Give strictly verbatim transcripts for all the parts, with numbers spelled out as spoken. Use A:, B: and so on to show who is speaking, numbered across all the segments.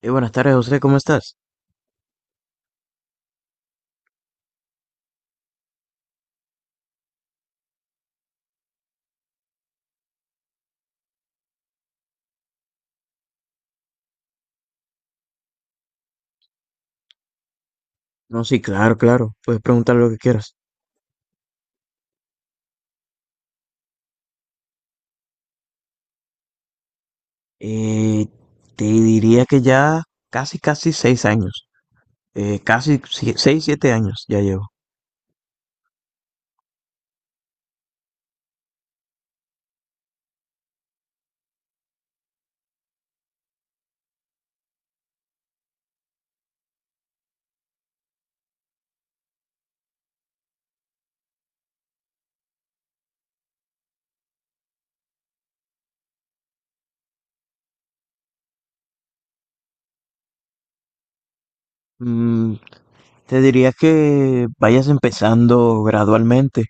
A: Eh, buenas tardes, José, ¿cómo estás? No, sí, claro, claro, puedes preguntar lo que quieras. Eh, te diría que ya casi, casi seis años, eh, casi si- seis, siete años ya llevo. Mm, te diría que vayas empezando gradualmente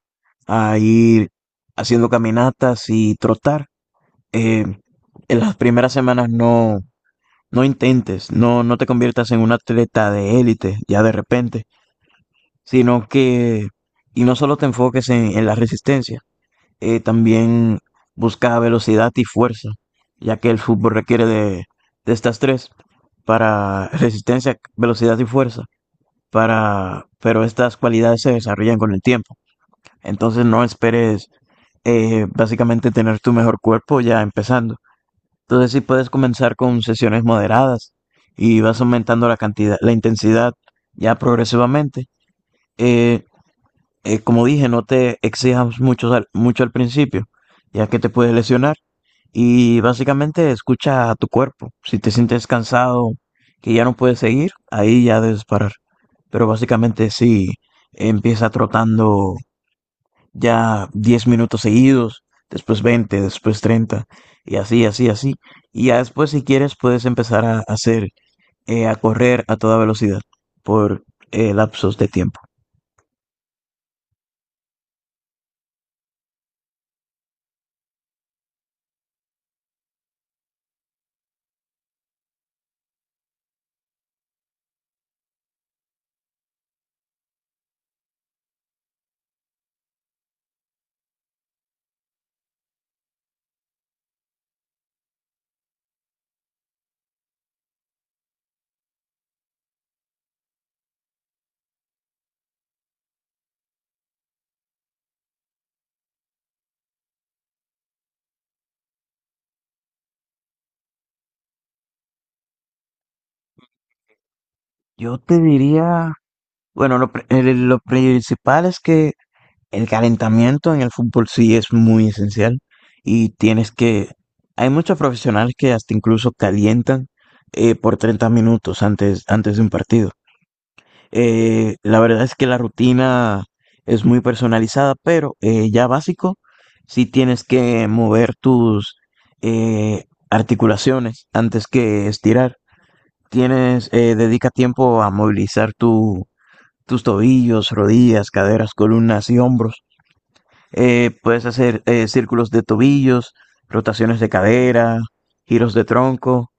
A: a ir haciendo caminatas y trotar. Eh, en las primeras semanas no, no intentes, no, no te conviertas en un atleta de élite ya de repente. sino que, y no solo te enfoques en, en la resistencia, eh, también busca velocidad y fuerza, ya que el fútbol requiere de, de estas tres, para resistencia, velocidad y fuerza, para, pero estas cualidades se desarrollan con el tiempo. Entonces no esperes eh, básicamente tener tu mejor cuerpo ya empezando. Entonces sí puedes comenzar con sesiones moderadas y vas aumentando la cantidad, la intensidad ya progresivamente. Eh, eh, como dije, no te exijas mucho al, mucho al principio, ya que te puedes lesionar. Y básicamente escucha a tu cuerpo. Si te sientes cansado, que ya no puedes seguir, ahí ya debes parar. Pero básicamente si empieza trotando ya diez minutos seguidos, después veinte, después treinta, y así, así, así. Y ya después si quieres puedes empezar a hacer, eh, a correr a toda velocidad por eh, lapsos de tiempo. Yo te diría. Bueno, lo, pri- el- lo principal es que el calentamiento en el fútbol sí es muy esencial, y tienes que, hay muchos profesionales que hasta incluso calientan eh, por treinta minutos antes, antes de un partido. Eh, la verdad es que la rutina es muy personalizada, pero eh, ya básico, sí tienes que mover tus eh, articulaciones antes que estirar. Tienes, eh, dedica tiempo a movilizar tu tus tobillos, rodillas, caderas, columnas y hombros. Eh, puedes hacer eh, círculos de tobillos, rotaciones de cadera, giros de tronco,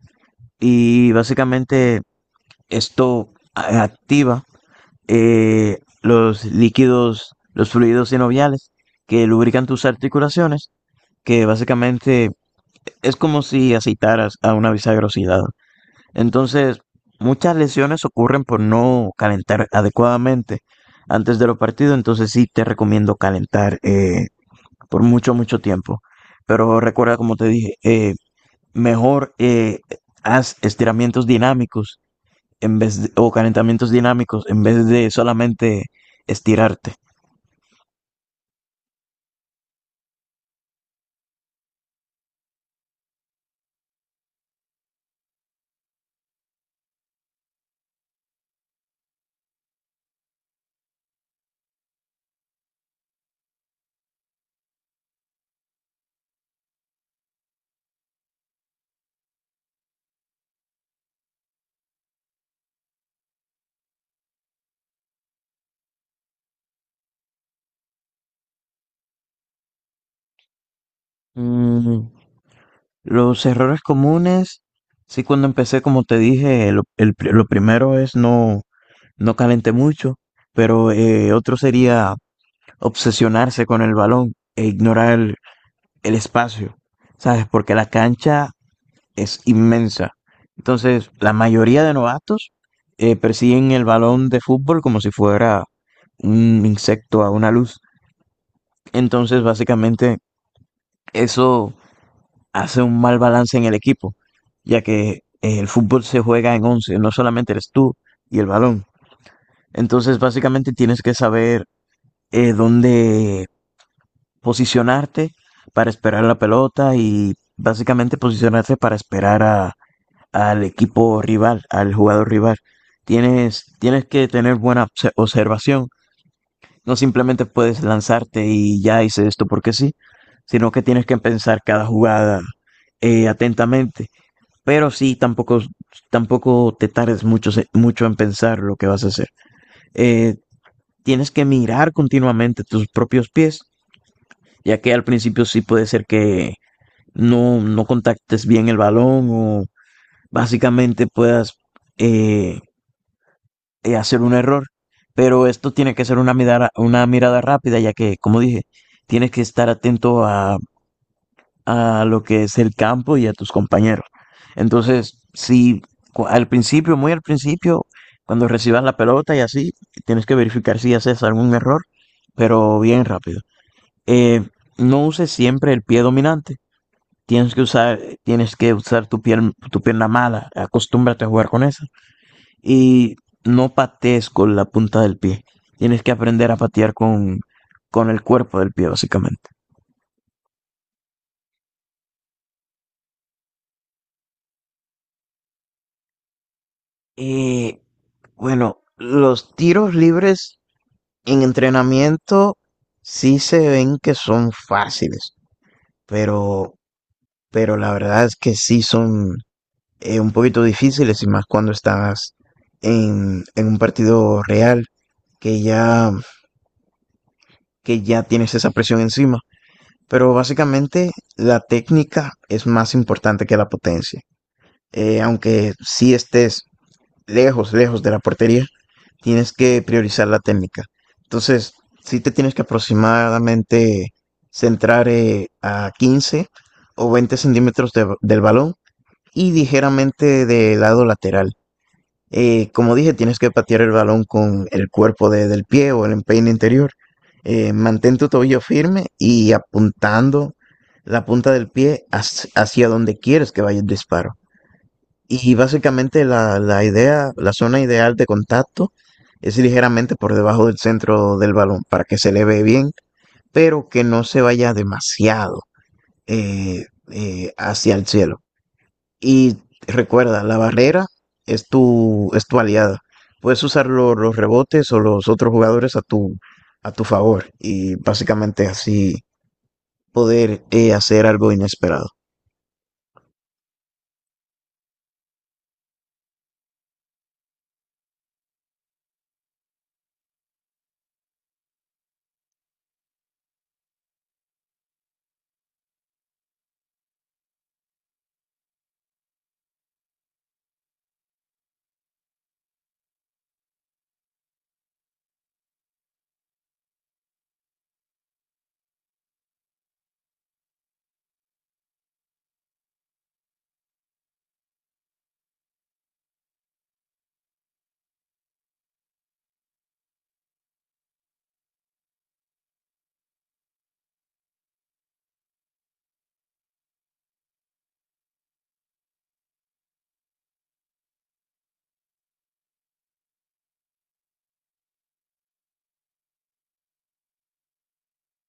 A: y básicamente esto activa eh, los líquidos, los fluidos sinoviales que lubrican tus articulaciones, que básicamente es como si aceitaras a una bisagra oxidada. Entonces, muchas lesiones ocurren por no calentar adecuadamente antes de los partidos. Entonces sí te recomiendo calentar eh, por mucho, mucho tiempo. Pero recuerda, como te dije, eh, mejor eh, haz estiramientos dinámicos en vez de- o calentamientos dinámicos en vez de solamente estirarte. Mm, los errores comunes, sí, cuando empecé, como te dije, lo, el pri- lo primero es no, no calenté mucho, pero eh, otro sería obsesionarse con el balón e ignorar el, el espacio, ¿sabes? Porque la cancha es inmensa. Entonces, la mayoría de novatos eh, persiguen el balón de fútbol como si fuera un insecto a una luz. Entonces, básicamente, eso hace un mal balance en el equipo, ya que eh, el fútbol se juega en once, no solamente eres tú y el balón. Entonces, básicamente, tienes que saber eh, dónde posicionarte para esperar la pelota, y básicamente posicionarte para esperar a, al equipo rival, al jugador rival. Tienes, tienes que tener buena obse- observación. No simplemente puedes lanzarte y ya hice esto porque sí, sino que tienes que pensar cada jugada eh, atentamente. Pero sí, tampoco, tampoco te tardes mucho, se- mucho en pensar lo que vas a hacer. Eh, tienes que mirar continuamente tus propios pies, ya que al principio sí puede ser que no, no contactes bien el balón o básicamente puedas eh, eh, hacer un error. Pero esto tiene que ser una mirada, una mirada rápida, ya que, como dije, tienes que estar atento a, a lo que es el campo y a tus compañeros. Entonces, si cu- al principio, muy al principio, cuando recibas la pelota y así, tienes que verificar si haces algún error, pero bien rápido. Eh, no uses siempre el pie dominante. Tienes que usar, tienes que usar tu, pier- tu pierna mala, acostúmbrate a jugar con esa. Y no patees con la punta del pie. Tienes que aprender a patear con, con el cuerpo del pie, básicamente. Y bueno, los tiros libres en entrenamiento sí se ven que son fáciles, pero, pero la verdad es que sí son eh, un poquito difíciles, y más cuando estás en, en un partido real, que ya que ya tienes esa presión encima. Pero básicamente la técnica es más importante que la potencia. Eh, aunque si estés lejos, lejos de la portería, tienes que priorizar la técnica. Entonces, si te tienes que aproximadamente centrar eh, a quince o veinte centímetros de- del balón, y ligeramente del lado lateral. Eh, como dije, tienes que patear el balón con el cuerpo de- del pie o el empeine interior. Eh, mantén tu tobillo firme y apuntando la punta del pie hacia hacia donde quieres que vaya el disparo. Y básicamente la, la idea, la zona ideal de contacto es ligeramente por debajo del centro del balón para que se eleve bien, pero que no se vaya demasiado eh, eh, hacia el cielo. Y recuerda, la barrera es tu, es tu aliada. Puedes usar lo- los rebotes o los otros jugadores a tu, a tu favor, y básicamente así poder eh, hacer algo inesperado.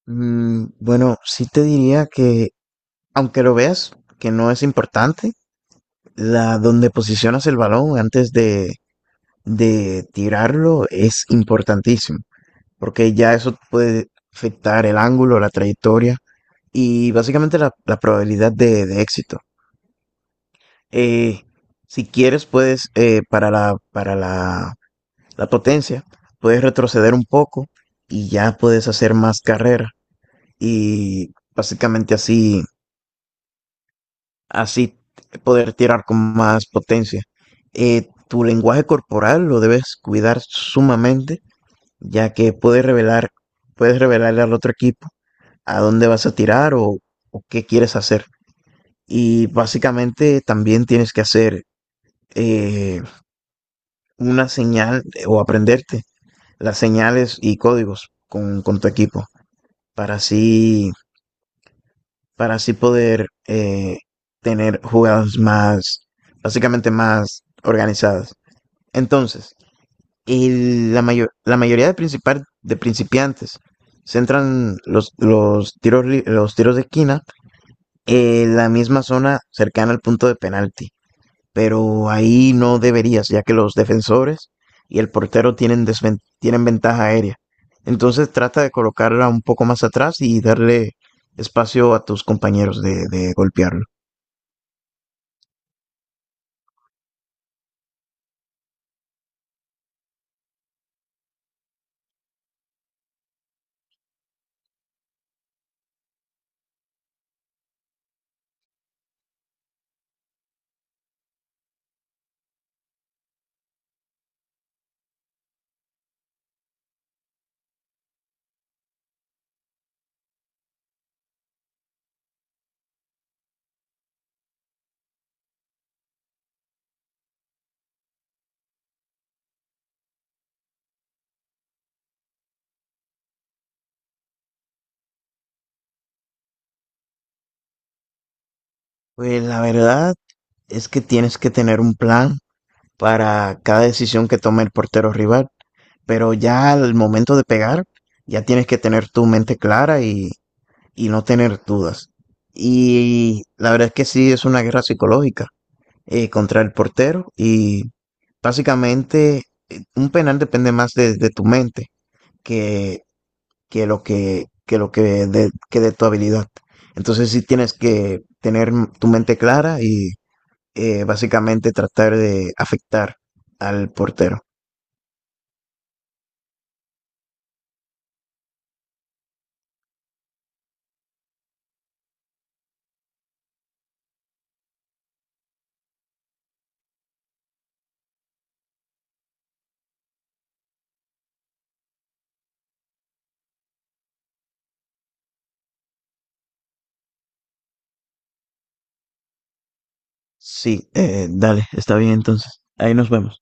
A: Mm, bueno, sí te diría que, aunque lo veas, que no es importante, la donde posicionas el balón antes de, de tirarlo es importantísimo, porque ya eso puede afectar el ángulo, la trayectoria y básicamente la, la probabilidad de, de éxito. Eh, si quieres, puedes, eh, para la, para la, la potencia, puedes retroceder un poco y ya puedes hacer más carrera, y básicamente así, así poder tirar con más potencia. Eh, tu lenguaje corporal lo debes cuidar sumamente, ya que puedes revelar, puedes revelarle al otro equipo a dónde vas a tirar, o, o qué quieres hacer. Y básicamente también tienes que hacer eh, una señal, eh, o aprenderte las señales y códigos con, con tu equipo, para así, para así poder eh, tener jugadas más, básicamente más organizadas. Entonces, y la, mayor la mayoría de, principar- de principiantes centran los, los tiros, li- los tiros de esquina en la misma zona cercana al punto de penalti. Pero ahí no deberías, ya que los defensores y el portero tienen, desven- tienen ventaja aérea. Entonces trata de colocarla un poco más atrás y darle espacio a tus compañeros de, de golpearlo. Pues la verdad es que tienes que tener un plan para cada decisión que tome el portero rival, pero ya al momento de pegar, ya tienes que tener tu mente clara y, y no tener dudas. Y la verdad es que sí es una guerra psicológica eh, contra el portero, y básicamente eh, un penal depende más de, de tu mente que, que lo que, que lo que de, que de tu habilidad. Entonces sí tienes que tener tu mente clara y eh, básicamente tratar de afectar al portero. Sí, eh, dale, está bien entonces. Ahí nos vemos.